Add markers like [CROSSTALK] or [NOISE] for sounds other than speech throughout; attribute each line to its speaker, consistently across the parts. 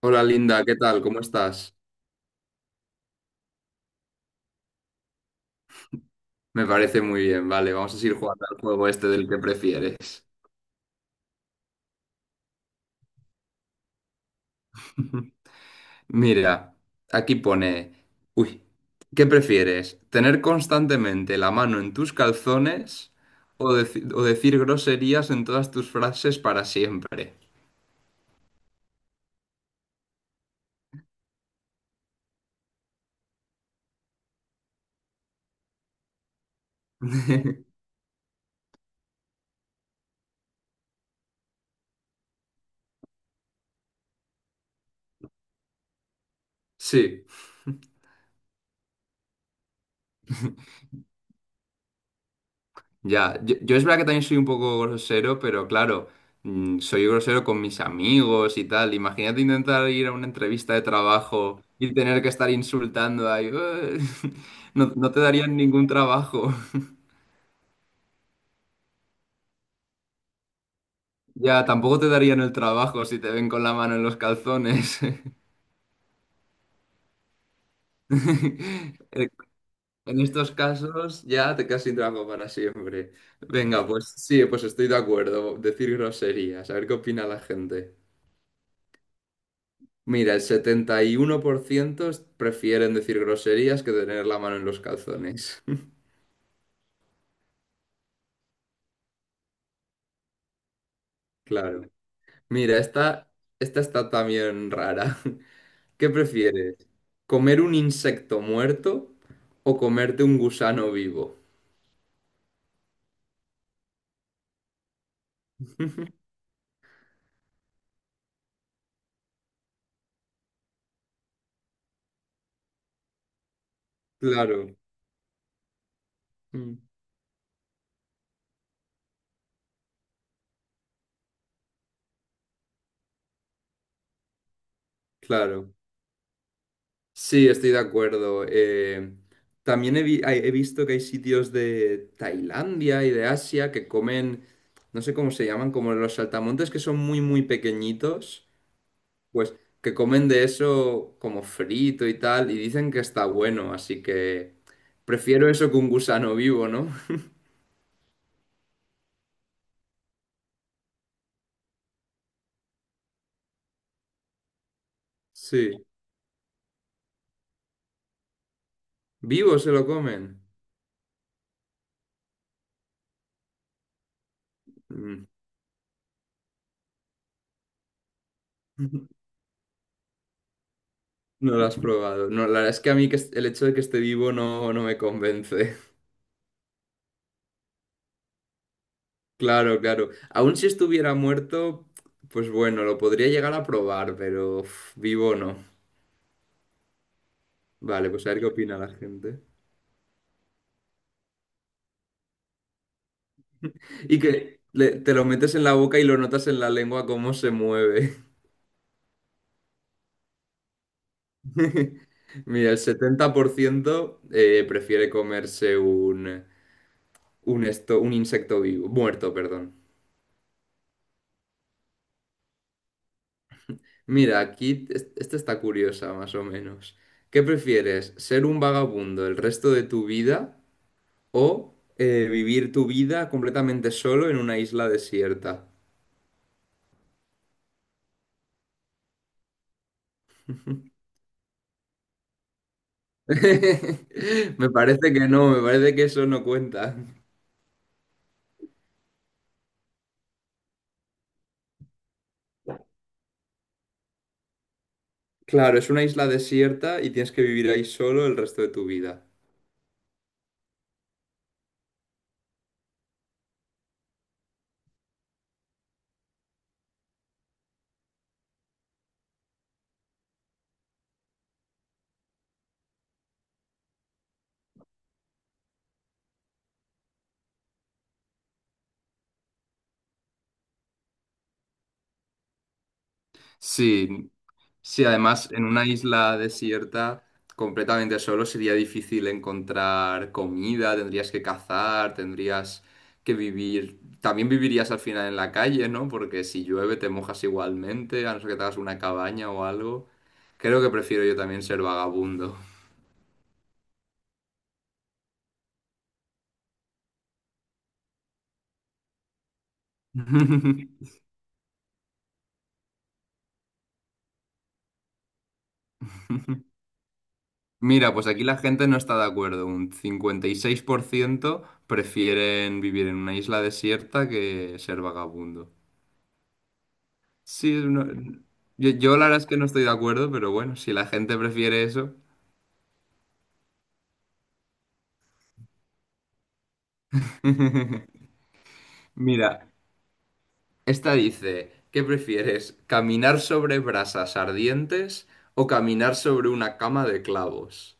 Speaker 1: Hola Linda, ¿qué tal? ¿Cómo estás? Me parece muy bien, vale, vamos a seguir jugando al juego este del que prefieres. [LAUGHS] Mira, aquí pone, uy, ¿qué prefieres? ¿Tener constantemente la mano en tus calzones o, decir groserías en todas tus frases para siempre? [LAUGHS] Sí. Ya, yo es verdad que también soy un poco grosero, pero claro, soy grosero con mis amigos y tal. Imagínate intentar ir a una entrevista de trabajo y tener que estar insultando ahí. [LAUGHS] No, no te darían ningún trabajo. [LAUGHS] Ya, tampoco te darían el trabajo si te ven con la mano en los calzones. [LAUGHS] Eh, En estos casos ya te quedas sin trabajo para siempre. Venga, pues sí, pues estoy de acuerdo. Decir groserías, a ver qué opina la gente. Mira, el 71% prefieren decir groserías que tener la mano en los calzones. [LAUGHS] Claro. Mira, esta está también rara. [LAUGHS] ¿Qué prefieres? ¿Comer un insecto muerto o comerte un gusano vivo? Claro, mm, claro. Sí, estoy de acuerdo. También he visto que hay sitios de Tailandia y de Asia que comen, no sé cómo se llaman, como los saltamontes que son muy, muy pequeñitos. Pues que comen de eso como frito y tal, y dicen que está bueno, así que prefiero eso que un gusano vivo, ¿no? Sí. ¿Vivo se lo comen? Mm. [LAUGHS] No lo has probado. No, la verdad es que a mí que el hecho de que esté vivo no, no me convence. [LAUGHS] Claro, claro. Aún si estuviera muerto, pues bueno, lo podría llegar a probar, pero uf, vivo no. Vale, pues a ver qué opina la gente. Y que te lo metes en la boca y lo notas en la lengua cómo se mueve. [LAUGHS] Mira, el 70% prefiere comerse un insecto vivo, muerto, perdón. Mira, aquí esta está curiosa, más o menos. ¿Qué prefieres? ¿Ser un vagabundo el resto de tu vida o vivir tu vida completamente solo en una isla desierta? [LAUGHS] Me parece que no, me parece que eso no cuenta. Claro, es una isla desierta y tienes que vivir ahí solo el resto de tu vida. Sí, sí, además en una isla desierta completamente solo sería difícil encontrar comida, tendrías que cazar, tendrías que vivir, también vivirías al final en la calle, ¿no? Porque si llueve te mojas igualmente, a no ser que te hagas una cabaña o algo. Creo que prefiero yo también ser vagabundo. [LAUGHS] Mira, pues aquí la gente no está de acuerdo. Un 56% prefieren vivir en una isla desierta que ser vagabundo. Sí, es yo la verdad es que no estoy de acuerdo, pero bueno, si la gente prefiere eso. [LAUGHS] Mira, esta dice, ¿qué prefieres? ¿Caminar sobre brasas ardientes o caminar sobre una cama de clavos?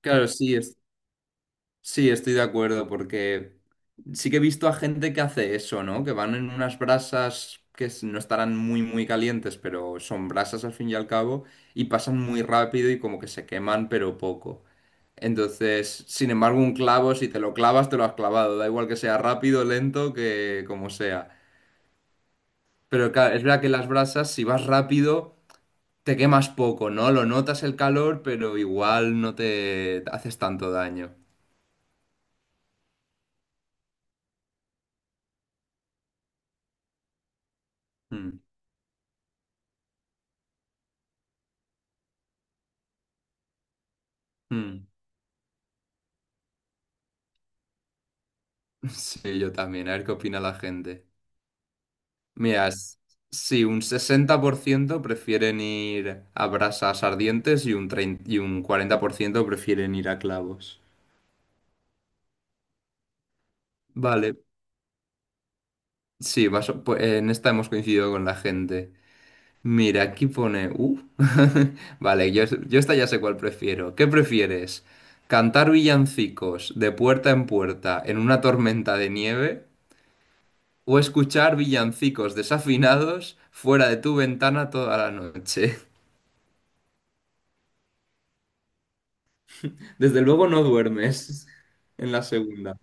Speaker 1: Claro, sí, sí, estoy de acuerdo, porque sí que he visto a gente que hace eso, ¿no? Que van en unas brasas que no estarán muy, muy calientes, pero son brasas al fin y al cabo, y pasan muy rápido y como que se queman, pero poco. Entonces, sin embargo, un clavo, si te lo clavas, te lo has clavado. Da igual que sea rápido, lento, que como sea. Pero claro, es verdad que las brasas, si vas rápido, te quemas poco, ¿no? Lo notas el calor, pero igual no te haces tanto daño. Mm, mm. Sí, yo también. A ver qué opina la gente. Mira, sí, un 60% prefieren ir a brasas ardientes y un 30 y un 40% prefieren ir a clavos. Vale, sí, pues, en esta hemos coincidido con la gente. Mira, aquí pone.... [LAUGHS] Vale, yo esta ya sé cuál prefiero. ¿Qué prefieres? ¿Cantar villancicos de puerta en puerta en una tormenta de nieve o escuchar villancicos desafinados fuera de tu ventana toda la noche? [LAUGHS] Desde luego no duermes en la segunda.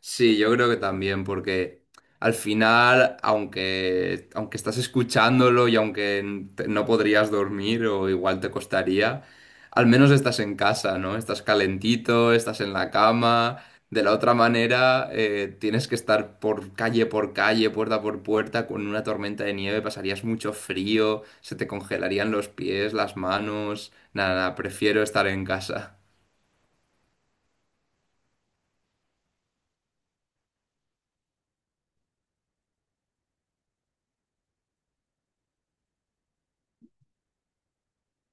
Speaker 1: Sí, yo creo que también, porque al final, aunque estás escuchándolo y aunque no podrías dormir o igual te costaría, al menos estás en casa, ¿no? Estás calentito, estás en la cama. De la otra manera, tienes que estar por calle, puerta por puerta, con una tormenta de nieve, pasarías mucho frío, se te congelarían los pies, las manos. Nada, nada, prefiero estar en casa.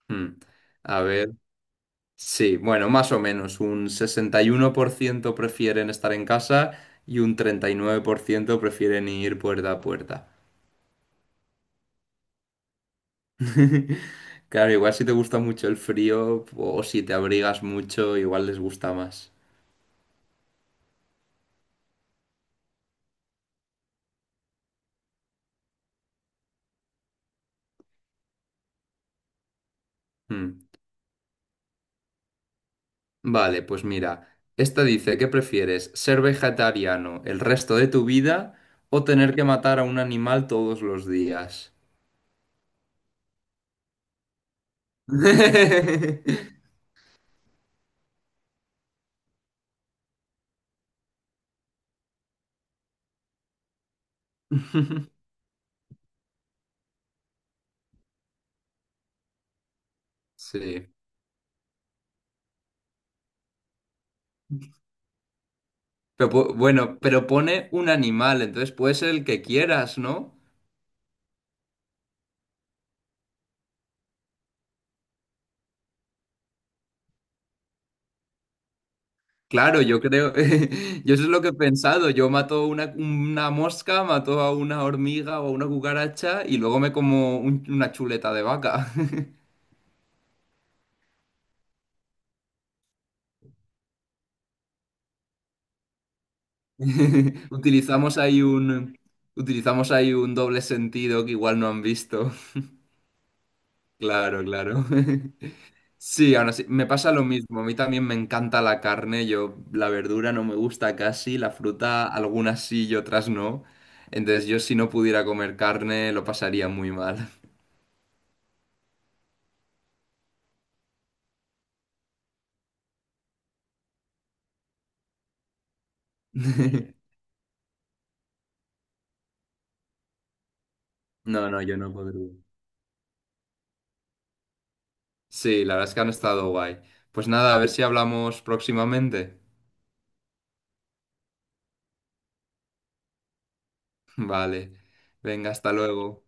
Speaker 1: Hmm. A ver. Sí, bueno, más o menos. Un 61% prefieren estar en casa y un 39% prefieren ir puerta a puerta. [LAUGHS] Claro, igual si te gusta mucho el frío o si te abrigas mucho, igual les gusta más. Mm. Vale, pues mira, esta dice, ¿qué prefieres? ¿Ser vegetariano el resto de tu vida o tener que matar a un animal todos los días? [LAUGHS] Sí. Pero, bueno, pero pone un animal, entonces puede ser el que quieras, ¿no? Claro, yo creo, [LAUGHS] yo eso es lo que he pensado, yo mato una mosca, mato a una hormiga o a una cucaracha y luego me como una chuleta de vaca. [LAUGHS] Utilizamos ahí un, utilizamos ahí un doble sentido que igual no han visto. [LAUGHS] Claro, claro. [LAUGHS] Sí, ahora sí, me pasa lo mismo. A mí también me encanta la carne. Yo la verdura no me gusta casi, la fruta algunas sí y otras no. Entonces yo si no pudiera comer carne lo pasaría muy mal. [LAUGHS] No, no, yo no podría. Sí, la verdad es que han estado guay. Pues nada, a ver si hablamos próximamente. [LAUGHS] Vale. Venga, hasta luego.